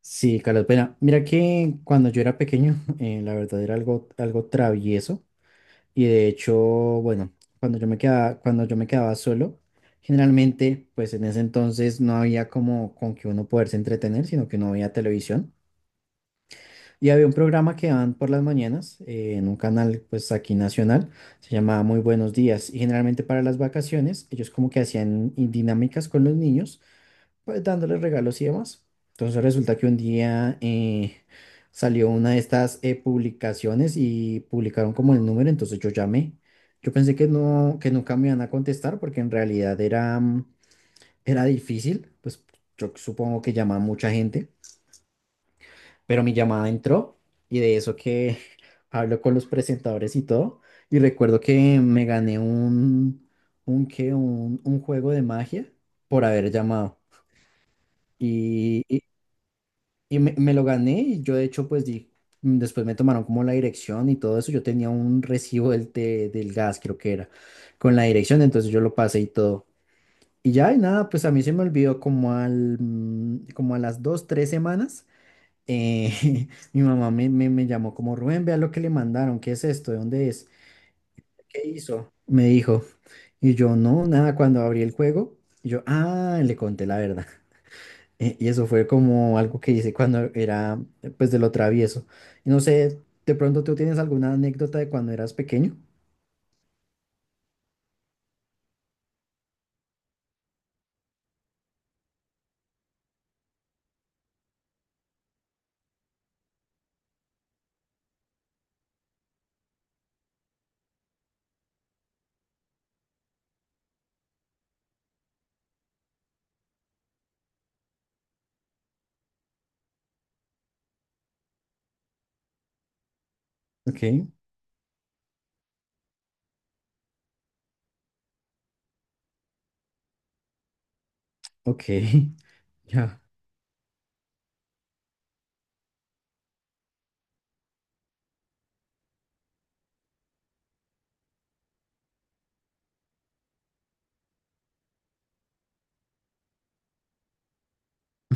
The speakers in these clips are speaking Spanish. Sí, Carlos, pena. Mira que cuando yo era pequeño, la verdad era algo travieso. Y de hecho, bueno, cuando yo me quedaba solo, generalmente, pues en ese entonces no había como con que uno poderse entretener, sino que no había televisión. Y había un programa que daban por las mañanas, en un canal, pues aquí nacional, se llamaba Muy Buenos Días. Y generalmente para las vacaciones, ellos como que hacían dinámicas con los niños, pues dándole regalos y demás. Entonces resulta que un día salió una de estas publicaciones y publicaron como el número, entonces yo llamé. Yo pensé que no, que nunca me iban a contestar porque en realidad era era difícil, pues yo supongo que llamaba mucha gente, pero mi llamada entró y de eso que hablo con los presentadores y todo. Y recuerdo que me gané un juego de magia por haber llamado. Y, y me lo gané y yo de hecho pues di, mm, después me tomaron como la dirección y todo eso. Yo tenía un recibo del del gas, creo que era, con la dirección, entonces yo lo pasé y todo. Y ya, y nada, pues a mí se me olvidó como al, mm, como a las dos, tres semanas. eh, mi mamá me llamó como, Rubén, vea lo que le mandaron, ¿qué es esto? ¿De dónde es? ¿Qué hizo? Me dijo. Y yo, no, nada, cuando abrí el juego, yo, ah, le conté la verdad. Y eso fue como algo que hice cuando era, pues, de lo travieso. Y no sé, de pronto tú tienes alguna anécdota de cuando eras pequeño. Ok, ok, ya,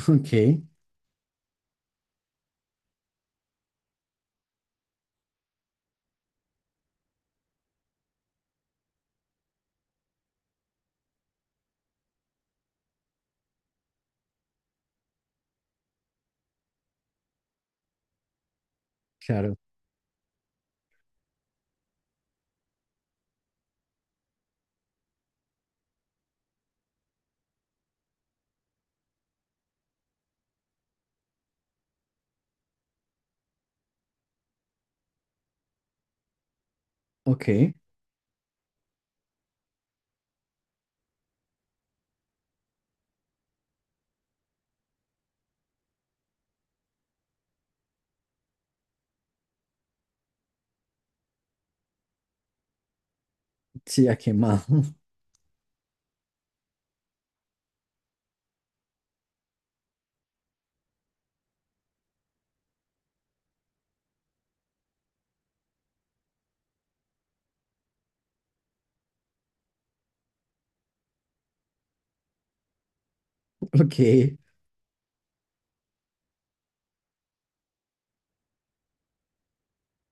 ok, claro, ok, sí, ha quemado, ok.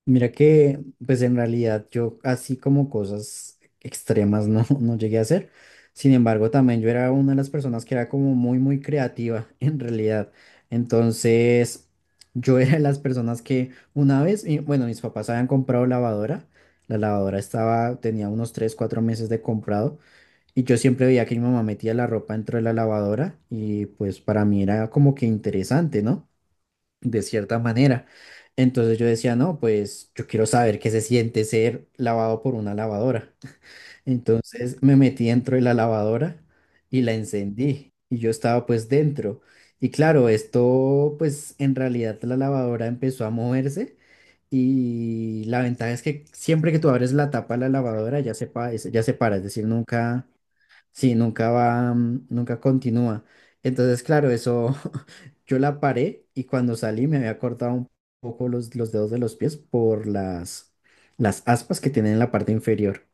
Mira que, pues en realidad yo así como cosas extremas no, no llegué a hacer. Sin embargo, también yo era una de las personas que era como muy creativa en realidad. Entonces, yo era de las personas que una vez, y bueno, mis papás habían comprado lavadora. La lavadora estaba, tenía unos 3 4 meses de comprado. Y yo siempre veía que mi mamá metía la ropa dentro de la lavadora. Y pues para mí era como que interesante, ¿no? De cierta manera. Entonces yo decía, no, pues yo quiero saber qué se siente ser lavado por una lavadora. Entonces me metí dentro de la lavadora y la encendí y yo estaba pues dentro. Y claro, esto pues en realidad la lavadora empezó a moverse y la ventaja es que siempre que tú abres la tapa de la lavadora ya se para, es decir, nunca. Sí, nunca va, nunca continúa. Entonces, claro, eso yo la paré y cuando salí me había cortado un poco los dedos de los pies por las aspas que tienen en la parte inferior.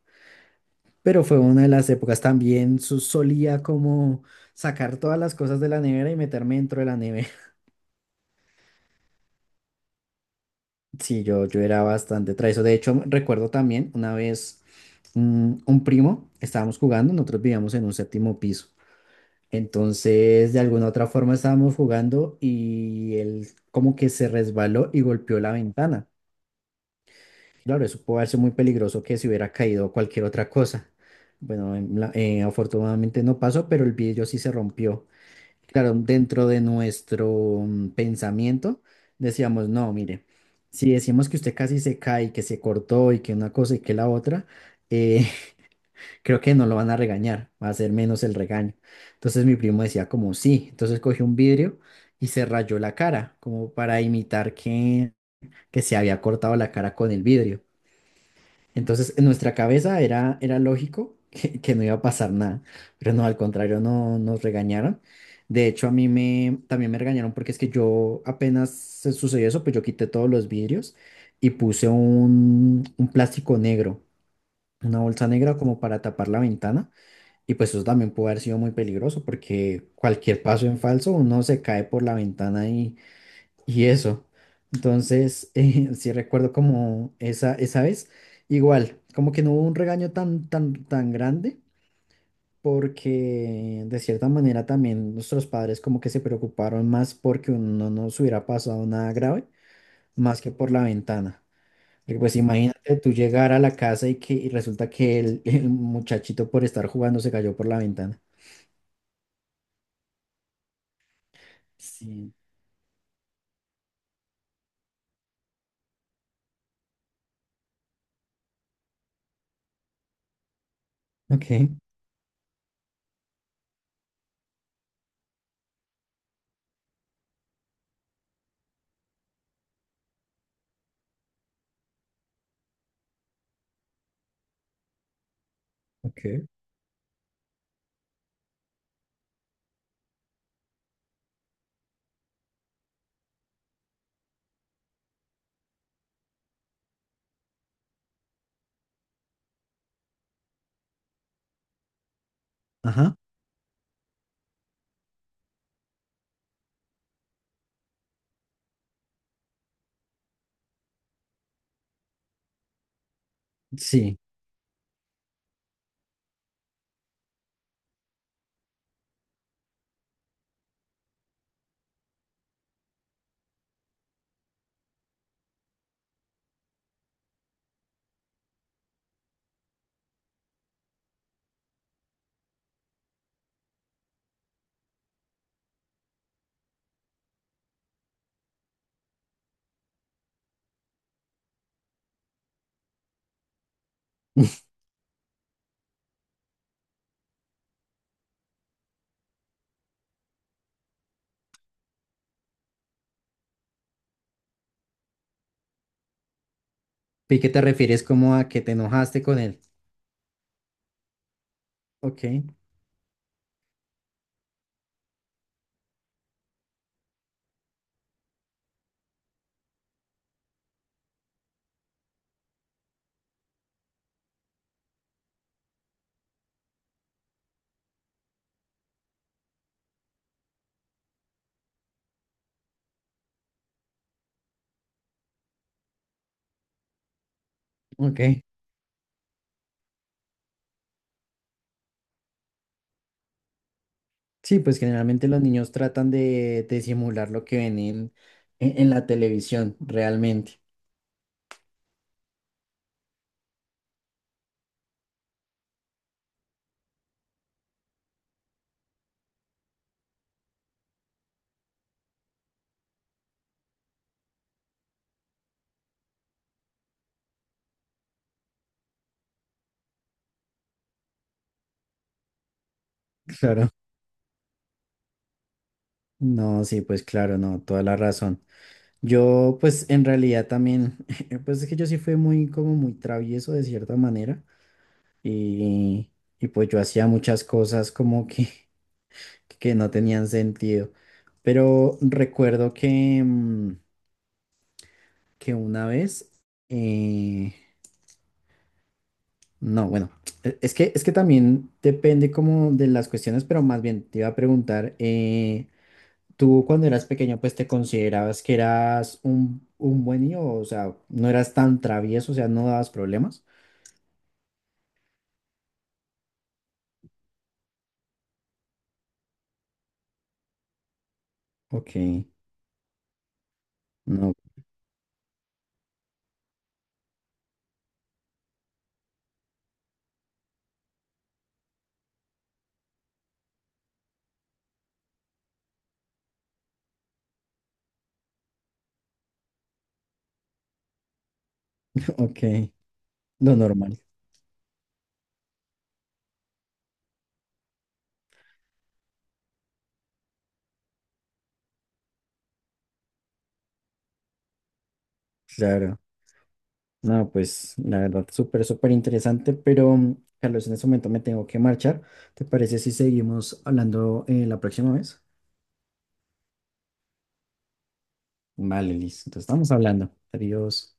Pero fue una de las épocas también, solía como sacar todas las cosas de la nevera y meterme dentro de la nevera. Sí, yo era bastante travieso. De hecho, recuerdo también una vez un primo, estábamos jugando, nosotros vivíamos en un séptimo piso. Entonces, de alguna u otra forma estábamos jugando y él como que se resbaló y golpeó la ventana. Claro, eso puede ser muy peligroso que se hubiera caído cualquier otra cosa. Bueno, afortunadamente no pasó, pero el vidrio sí se rompió. Claro, dentro de nuestro pensamiento decíamos, no, mire, si decimos que usted casi se cae, que se cortó y que una cosa y que la otra, eh, creo que no lo van a regañar, va a ser menos el regaño. Entonces mi primo decía como sí, entonces cogió un vidrio y se rayó la cara, como para imitar que se había cortado la cara con el vidrio. Entonces en nuestra cabeza era lógico que no iba a pasar nada, pero no, al contrario, no nos regañaron. De hecho, a mí también me regañaron porque es que yo apenas se sucedió eso, pues yo quité todos los vidrios y puse un plástico negro, una bolsa negra como para tapar la ventana y pues eso también puede haber sido muy peligroso porque cualquier paso en falso uno se cae por la ventana y eso. Entonces, sí recuerdo como esa vez, igual, como que no hubo un regaño tan grande porque de cierta manera también nuestros padres como que se preocuparon más porque no nos hubiera pasado nada grave más que por la ventana. Porque pues imagínate tú llegar a la casa y que y resulta que el muchachito por estar jugando se cayó por la ventana. Sí, ok, ok. Ajá. Sí. Vi que te refieres como a que te enojaste con él. Ok, ok. Sí, pues generalmente los niños tratan de simular lo que ven en la televisión, realmente. Claro. No, sí, pues claro, no, toda la razón. Yo, pues en realidad también, pues es que yo sí fui muy, como muy travieso de cierta manera y, y pues yo hacía muchas cosas como que no tenían sentido. Pero recuerdo que, mm, que una vez, eh, no, bueno, es que también depende como de las cuestiones, pero más bien te iba a preguntar, tú cuando eras pequeño, pues te considerabas que eras un buen niño, o sea, no eras tan travieso, o sea, no dabas problemas. Ok, no, ok, lo normal, claro. No, pues la verdad, súper interesante, pero Carlos, en este momento me tengo que marchar. ¿Te parece si seguimos hablando la próxima vez? Vale, listo. Entonces estamos hablando. Adiós.